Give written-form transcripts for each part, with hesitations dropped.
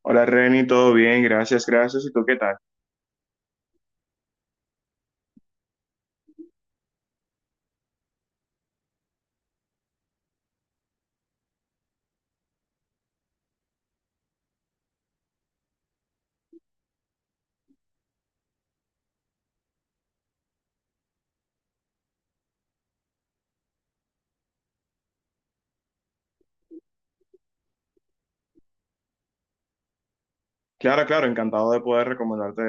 Hola Reni, todo bien, gracias, gracias. ¿Y tú qué tal? Claro, claro, encantado de poder recomendarte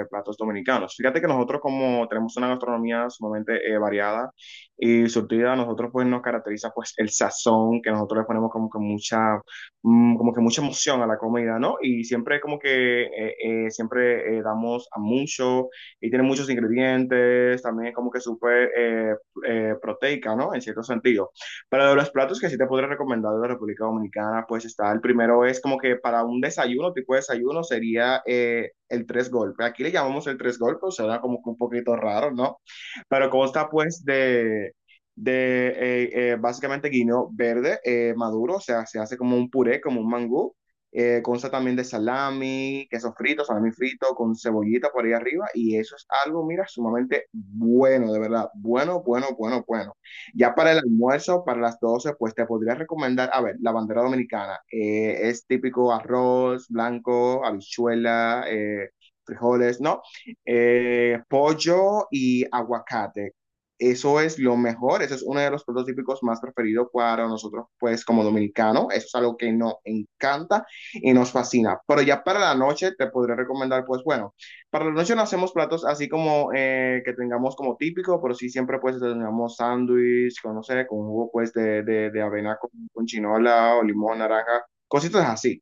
platos dominicanos. Fíjate que nosotros como tenemos una gastronomía sumamente variada y surtida. Nosotros pues nos caracteriza pues el sazón que nosotros le ponemos como que mucha emoción a la comida, ¿no? Y siempre como que siempre damos a mucho y tiene muchos ingredientes. También es como que súper proteica, ¿no? En cierto sentido. Para los platos que sí te podré recomendar de la República Dominicana, pues está, el primero, es como que para un desayuno, tipo de desayuno, sería el tres golpes. Aquí le llamamos el tres golpes, suena como que un poquito raro, ¿no? Pero consta pues de básicamente guineo verde maduro, o sea, se hace como un puré, como un mangú. Consta también de salami, queso frito, salami frito con cebollita por ahí arriba, y eso es algo, mira, sumamente bueno, de verdad, bueno, bueno, bueno, bueno. Ya para el almuerzo, para las 12, pues te podría recomendar, a ver, la bandera dominicana. Es típico arroz blanco, habichuela, frijoles, ¿no? Pollo y aguacate. Eso es lo mejor, eso es uno de los platos típicos más preferidos para nosotros, pues como dominicanos. Eso es algo que nos encanta y nos fascina. Pero ya para la noche te podría recomendar, pues bueno. Para la noche no hacemos platos así como que tengamos como típico, pero sí siempre pues tengamos sándwich, con, no sé, con jugo pues de avena con chinola o limón, naranja, cositas así.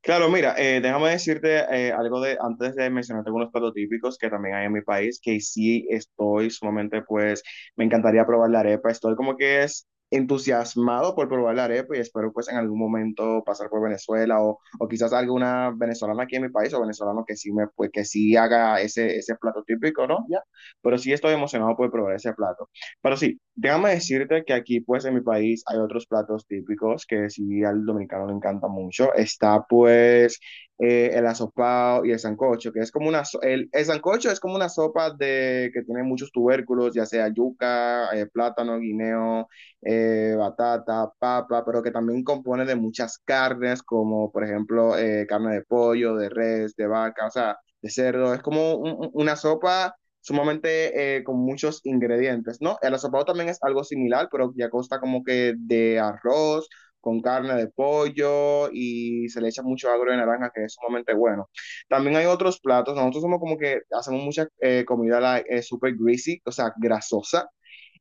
Claro, mira, déjame decirte algo de antes de mencionarte algunos platos típicos que también hay en mi país, que sí estoy sumamente, pues, me encantaría probar la arepa. Estoy como que es entusiasmado por probar la arepa y espero, pues, en algún momento pasar por Venezuela o quizás alguna venezolana aquí en mi país o venezolano que sí me, pues, que sí haga ese plato típico, ¿no? Ya. Pero sí estoy emocionado por probar ese plato. Pero sí, déjame decirte que aquí, pues, en mi país hay otros platos típicos que sí al dominicano le encanta mucho. Está, pues, el asopao y el sancocho, que es como una... El sancocho es como una sopa de, que tiene muchos tubérculos, ya sea yuca, plátano, guineo, batata, papa, pero que también compone de muchas carnes, como, por ejemplo, carne de pollo, de res, de vaca, o sea, de cerdo. Es como una sopa sumamente con muchos ingredientes, ¿no? El asopado también es algo similar, pero ya consta como que de arroz, con carne de pollo, y se le echa mucho agro de naranja, que es sumamente bueno. También hay otros platos. Nosotros somos como que hacemos mucha comida super greasy, o sea, grasosa,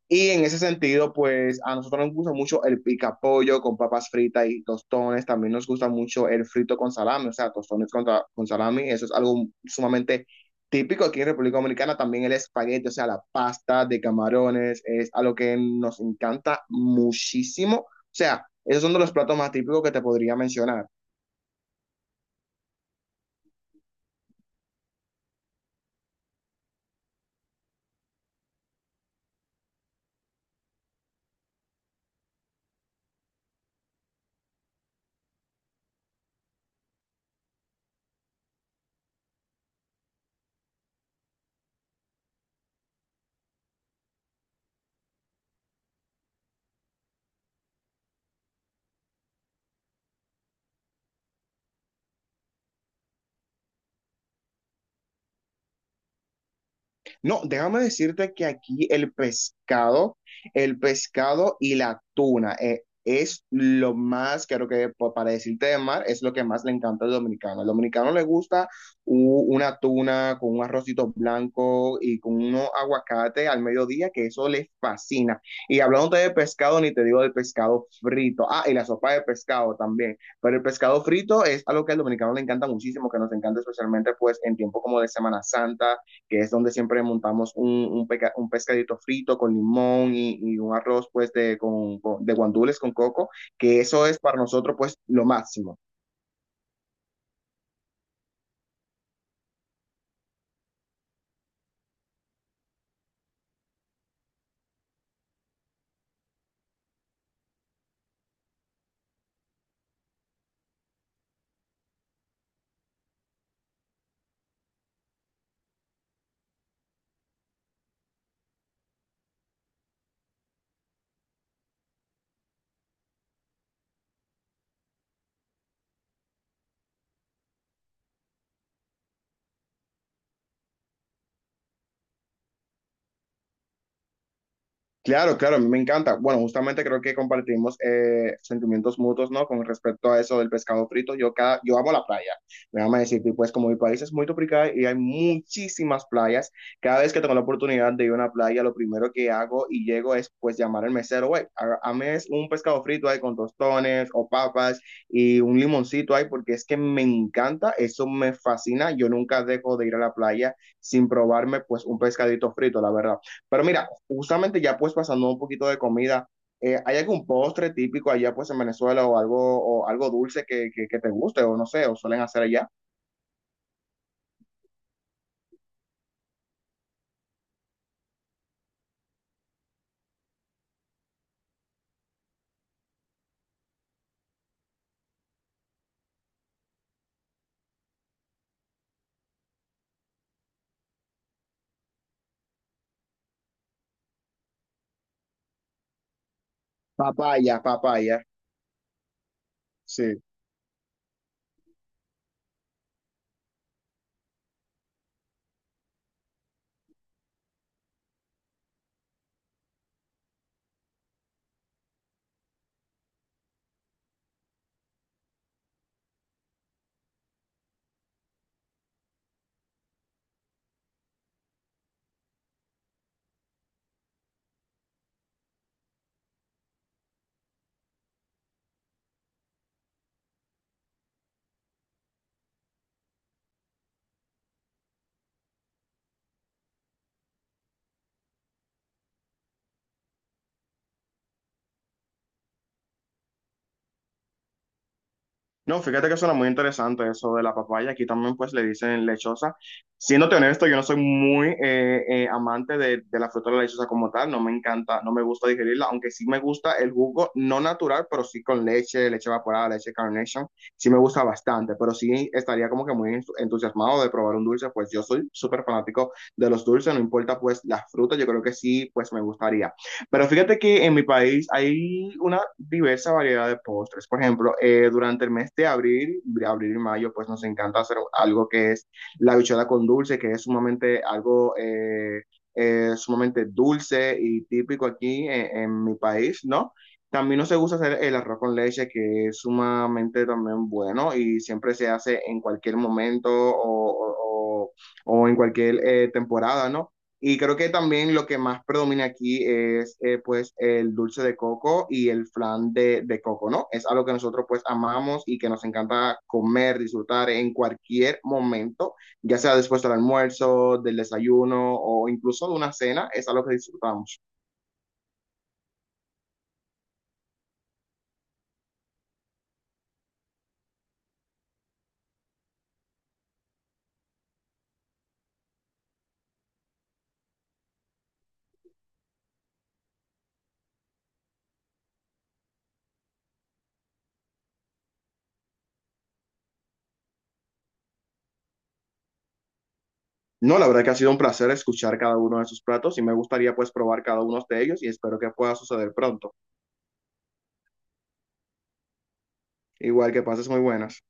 y en ese sentido, pues a nosotros nos gusta mucho el pica con papas fritas y tostones. También nos gusta mucho el frito con salami, o sea, tostones con, con salami. Eso es algo sumamente típico aquí en República Dominicana. También el espagueti, o sea, la pasta de camarones, es algo que nos encanta muchísimo. O sea, esos son de los platos más típicos que te podría mencionar. No, déjame decirte que aquí el pescado y la tuna es lo más, creo que para decirte de mar, es lo que más le encanta al dominicano. Al dominicano le gusta una tuna con un arrocito blanco y con unos aguacate al mediodía, que eso les fascina. Y hablando de pescado, ni te digo del pescado frito. Ah, y la sopa de pescado también. Pero el pescado frito es algo que al dominicano le encanta muchísimo, que nos encanta especialmente pues en tiempo como de Semana Santa, que es donde siempre montamos un pescadito frito con limón, y un arroz pues con, de guandules con coco, que eso es para nosotros pues lo máximo. Claro, claro, a mí me encanta. Bueno, justamente creo que compartimos sentimientos mutuos, ¿no? Con respecto a eso del pescado frito. Yo amo la playa. Déjame decirte, y pues como mi país es muy tropical y hay muchísimas playas, cada vez que tengo la oportunidad de ir a una playa, lo primero que hago y llego es pues llamar al mesero, güey, es un pescado frito ahí con tostones o papas y un limoncito ahí, porque es que me encanta, eso me fascina. Yo nunca dejo de ir a la playa sin probarme pues un pescadito frito, la verdad. Pero mira. Justamente ya pues pasando un poquito de comida, ¿hay algún postre típico allá pues en Venezuela, o algo dulce que te guste, o no sé, o suelen hacer allá? Papaya, papaya, sí. No, fíjate que suena muy interesante eso de la papaya. Aquí también pues le dicen lechosa. Siéndote honesto, yo no soy muy amante de la fruta de la lechosa como tal. No me encanta, no me gusta digerirla, aunque sí me gusta el jugo, no natural, pero sí con leche, leche evaporada, leche Carnation. Sí me gusta bastante, pero sí estaría como que muy entusiasmado de probar un dulce. Pues yo soy súper fanático de los dulces, no importa pues la fruta, yo creo que sí pues me gustaría. Pero fíjate que en mi país hay una diversa variedad de postres. Por ejemplo, durante el mes de abril y mayo, pues nos encanta hacer algo que es la bichada con dulce, que es sumamente algo sumamente dulce y típico aquí en mi país, ¿no? También nos gusta hacer el arroz con leche, que es sumamente también bueno, y siempre se hace en cualquier momento o en cualquier temporada, ¿no? Y creo que también lo que más predomina aquí es pues el dulce de coco y el flan de coco, ¿no? Es algo que nosotros pues amamos y que nos encanta comer, disfrutar en cualquier momento, ya sea después del almuerzo, del desayuno, o incluso de una cena, es algo que disfrutamos. No, la verdad que ha sido un placer escuchar cada uno de sus platos, y me gustaría pues probar cada uno de ellos, y espero que pueda suceder pronto. Igual que pases muy buenas.